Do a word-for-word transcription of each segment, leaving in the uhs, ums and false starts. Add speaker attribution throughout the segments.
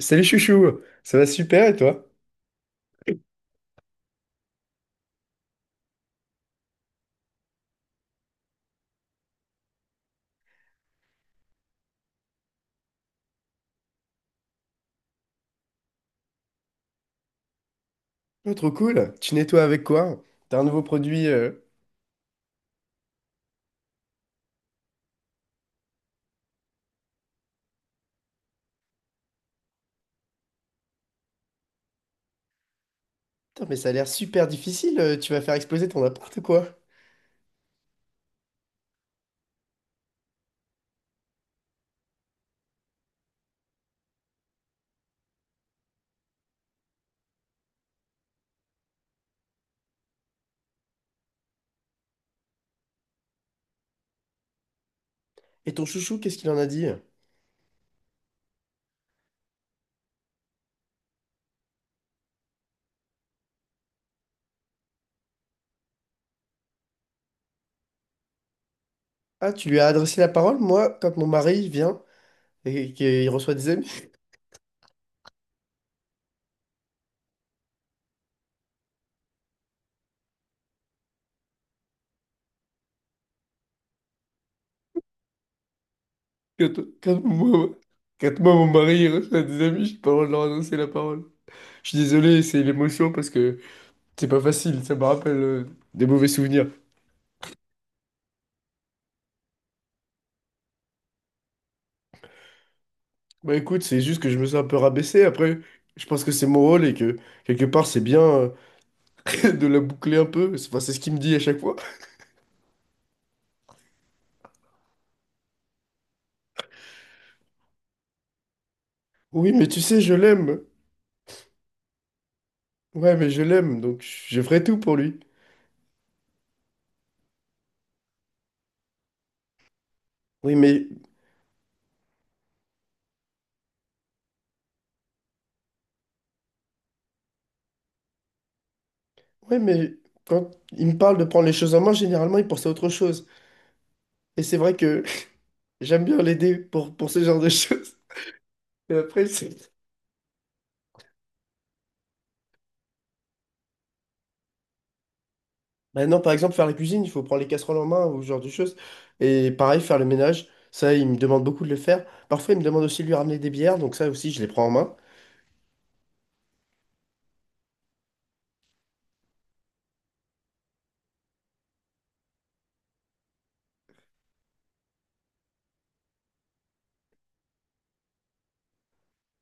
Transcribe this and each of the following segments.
Speaker 1: Salut chouchou, ça va super et toi? Oh, trop cool, tu nettoies avec quoi? T'as un nouveau produit... euh, Putain mais ça a l'air super difficile, euh, tu vas faire exploser ton appart ou quoi? Et ton chouchou, qu'est-ce qu'il en a dit? Ah, tu lui as adressé la parole? Moi, quand mon mari vient et qu'il reçoit des amis... Quand, quand moi, quand moi, mon mari il reçoit des amis, j'ai pas le droit de leur adresser la parole. Je suis désolé, c'est l'émotion parce que c'est pas facile, ça me rappelle euh, des mauvais souvenirs. Bah écoute, c'est juste que je me suis un peu rabaissé. Après, je pense que c'est mon rôle et que quelque part, c'est bien euh, de la boucler un peu. C'est- Enfin, c'est ce qu'il me dit à chaque fois. Oui, mais tu sais, je l'aime. Ouais, mais je l'aime, donc je ferai tout pour lui. Oui, mais ouais, mais quand il me parle de prendre les choses en main, généralement, il pense à autre chose. Et c'est vrai que j'aime bien l'aider pour, pour ce genre de choses. Et après, c'est Bah non, par exemple, faire la cuisine, il faut prendre les casseroles en main ou ce genre de choses. Et pareil, faire le ménage, ça, il me demande beaucoup de le faire. Parfois, il me demande aussi de lui ramener des bières, donc ça aussi, je les prends en main.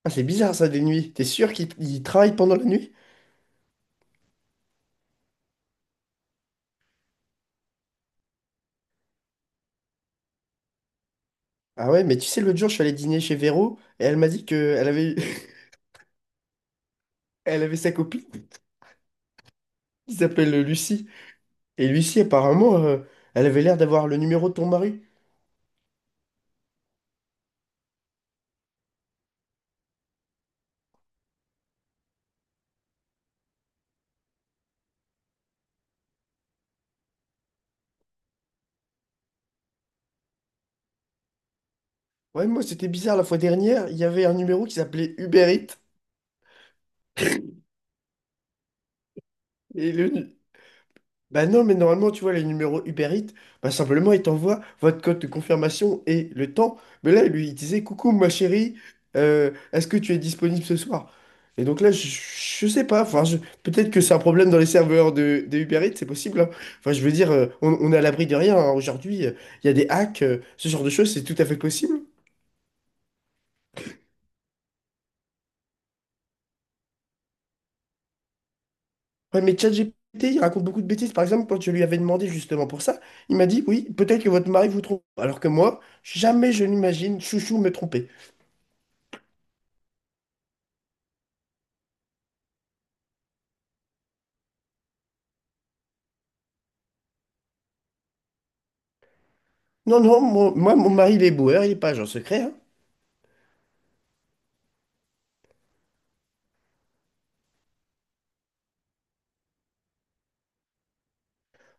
Speaker 1: Ah, c'est bizarre ça, des nuits. T'es sûr qu'il il travaille pendant la nuit? Ah ouais, mais tu sais, l'autre jour, je suis allé dîner chez Véro et elle m'a dit qu'elle avait... elle avait sa copine qui s'appelle Lucie. Et Lucie, apparemment, euh, elle avait l'air d'avoir le numéro de ton mari. Ouais, moi, c'était bizarre la fois dernière, il y avait un numéro qui s'appelait Uber Eats. Et le, Bah non, mais normalement, tu vois, les numéros Uber Eats, bah simplement, il t'envoie votre code de confirmation et le temps. Mais là, lui, il disait, coucou, ma chérie, euh, est-ce que tu es disponible ce soir? Et donc là, je, je sais pas. Enfin, je- peut-être que c'est un problème dans les serveurs de, de Uber Eats, c'est possible, hein. Enfin, je veux dire, euh, on, on est à l'abri de rien, hein. Aujourd'hui, euh, il y a des hacks, euh, ce genre de choses, c'est tout à fait possible. Ouais, mais ChatGPT, il raconte beaucoup de bêtises. Par exemple, quand je lui avais demandé justement pour ça, il m'a dit, oui, peut-être que votre mari vous trompe. Alors que moi, jamais je n'imagine Chouchou me tromper. Non, non, mon- moi, mon mari, il est boueur, il est pas agent secret, hein.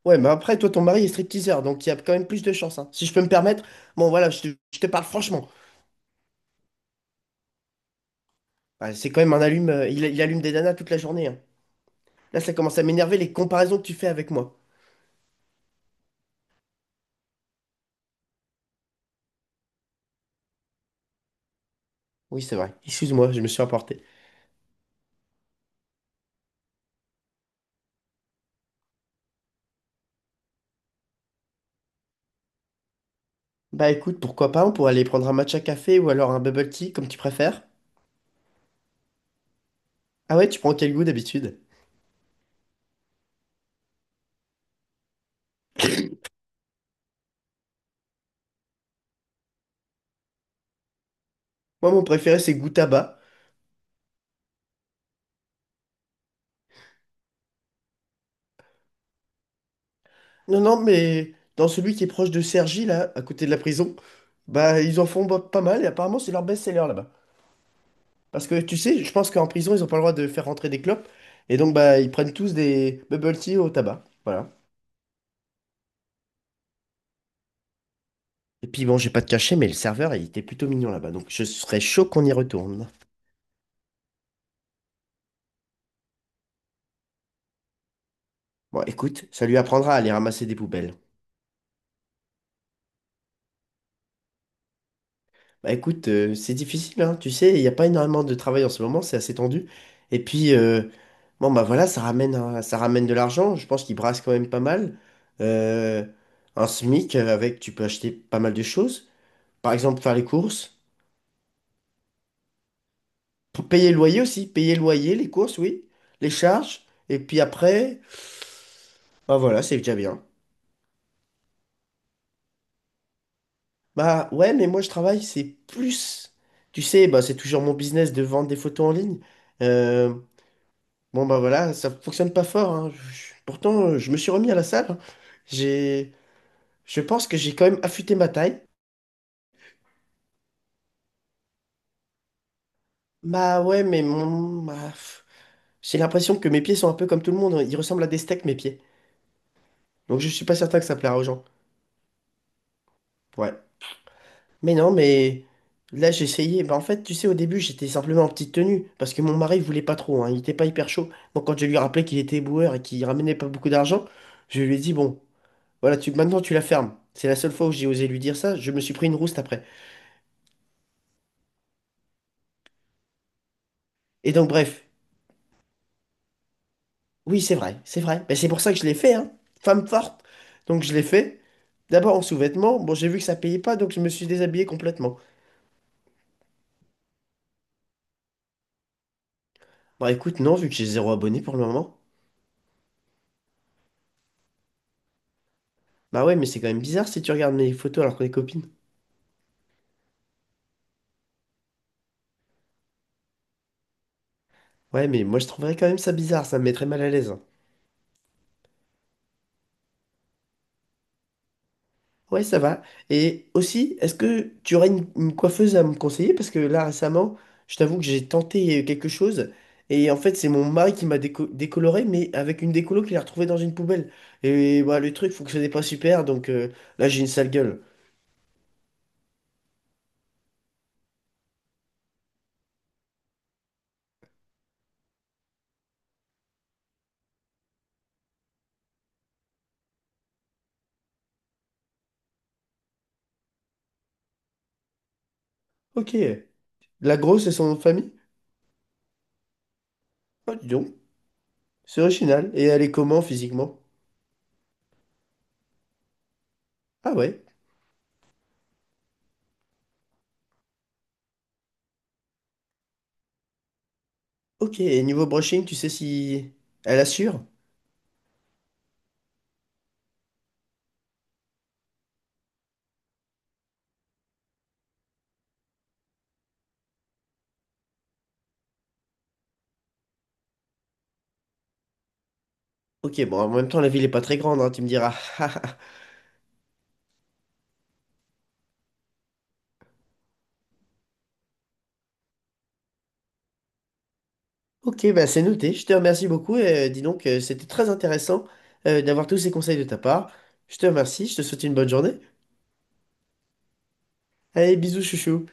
Speaker 1: Ouais, mais après, toi, ton mari est stripteaseur, donc il y a quand même plus de chance, hein. Si je peux me permettre, bon, voilà, je te, je te parle franchement. Bah, c'est quand même un allume, euh, il, il allume des nanas toute la journée, hein. Là, ça commence à m'énerver les comparaisons que tu fais avec moi. Oui, c'est vrai. Excuse-moi, je me suis emporté. Bah écoute, pourquoi pas, on pourrait aller prendre un matcha café ou alors un bubble tea, comme tu préfères. Ah ouais, tu prends quel goût d'habitude? Moi, mon préféré, c'est goût tabac. Non, non, mais dans celui qui est proche de Cergy, là, à côté de la prison, bah ils en font bo- pas mal et apparemment c'est leur best-seller là-bas. Parce que tu sais, je pense qu'en prison, ils ont pas le droit de faire rentrer des clopes. Et donc bah ils prennent tous des bubble tea au tabac. Voilà. Et puis bon, j'ai pas de cachet, mais le serveur, il était plutôt mignon là-bas. Donc je serais chaud qu'on y retourne. Bon, écoute, ça lui apprendra à aller ramasser des poubelles. Bah écoute, euh, c'est difficile, hein, tu sais, il n'y a pas énormément de travail en ce moment, c'est assez tendu. Et puis, euh, bon bah voilà, ça ramène, un- ça ramène de l'argent, je pense qu'ils brassent quand même pas mal. Euh, un SMIC euh, avec, tu peux acheter pas mal de choses, par exemple faire les courses, P- payer le loyer aussi, payer le loyer, les courses, oui, les charges, et puis après, bah voilà, c'est déjà bien. Bah ouais, mais moi je travaille, c'est plus, tu sais, bah c'est toujours mon business de vendre des photos en ligne. Euh, Bon bah voilà, ça fonctionne pas fort, hein. Je- Pourtant, euh, je me suis remis à la salle, hein. J'ai, je pense que j'ai quand même affûté ma taille. Bah ouais, mais mon, bah, pff, j'ai l'impression que mes pieds sont un peu comme tout le monde, hein. Ils ressemblent à des steaks mes pieds. Donc je suis pas certain que ça plaira aux gens. Ouais. Mais non, mais Là j'ai essayé. Bah en fait, tu sais, au début j'étais simplement en petite tenue parce que mon mari voulait pas trop, hein. Il était pas hyper chaud. Donc quand je lui rappelais qu'il était boueur et qu'il ramenait pas beaucoup d'argent, je lui ai dit bon, voilà, tu, maintenant tu la fermes. C'est la seule fois où j'ai osé lui dire ça. Je me suis pris une rouste après. Et donc, bref, oui, c'est vrai, c'est vrai. Mais c'est pour ça que je l'ai fait, hein. Femme forte. Donc, je l'ai fait. D'abord en sous-vêtements. Bon, j'ai vu que ça payait pas, donc je me suis déshabillé complètement. Bah, écoute, non, vu que j'ai zéro abonné pour le moment. Bah, ouais, mais c'est quand même bizarre si tu regardes mes photos alors qu'on est copines. Ouais, mais moi, je trouverais quand même ça bizarre, ça me mettrait mal à l'aise, hein. Ouais, ça va. Et aussi, est-ce que tu aurais une, une coiffeuse à me conseiller? Parce que là, récemment, je t'avoue que j'ai tenté euh, quelque chose. Et en fait, c'est mon mari qui m'a déco- décoloré, mais avec une décolo qu'il a retrouvée dans une poubelle. Et bah, le truc fonctionnait pas super, donc euh, là, j'ai une sale gueule. Ok. La grosse et son nom de famille? Oh, dis donc. C'est original. Et elle est comment physiquement? Ah ouais. Ok. Et niveau brushing, tu sais si elle assure? Ok, bon, en même temps, la ville est pas très grande, hein, tu me diras. Ok, bah c'est noté. Je te remercie beaucoup. Et, euh, dis donc, euh, c'était très intéressant euh, d'avoir tous ces conseils de ta part. Je te remercie. Je te souhaite une bonne journée. Allez, bisous, chouchou.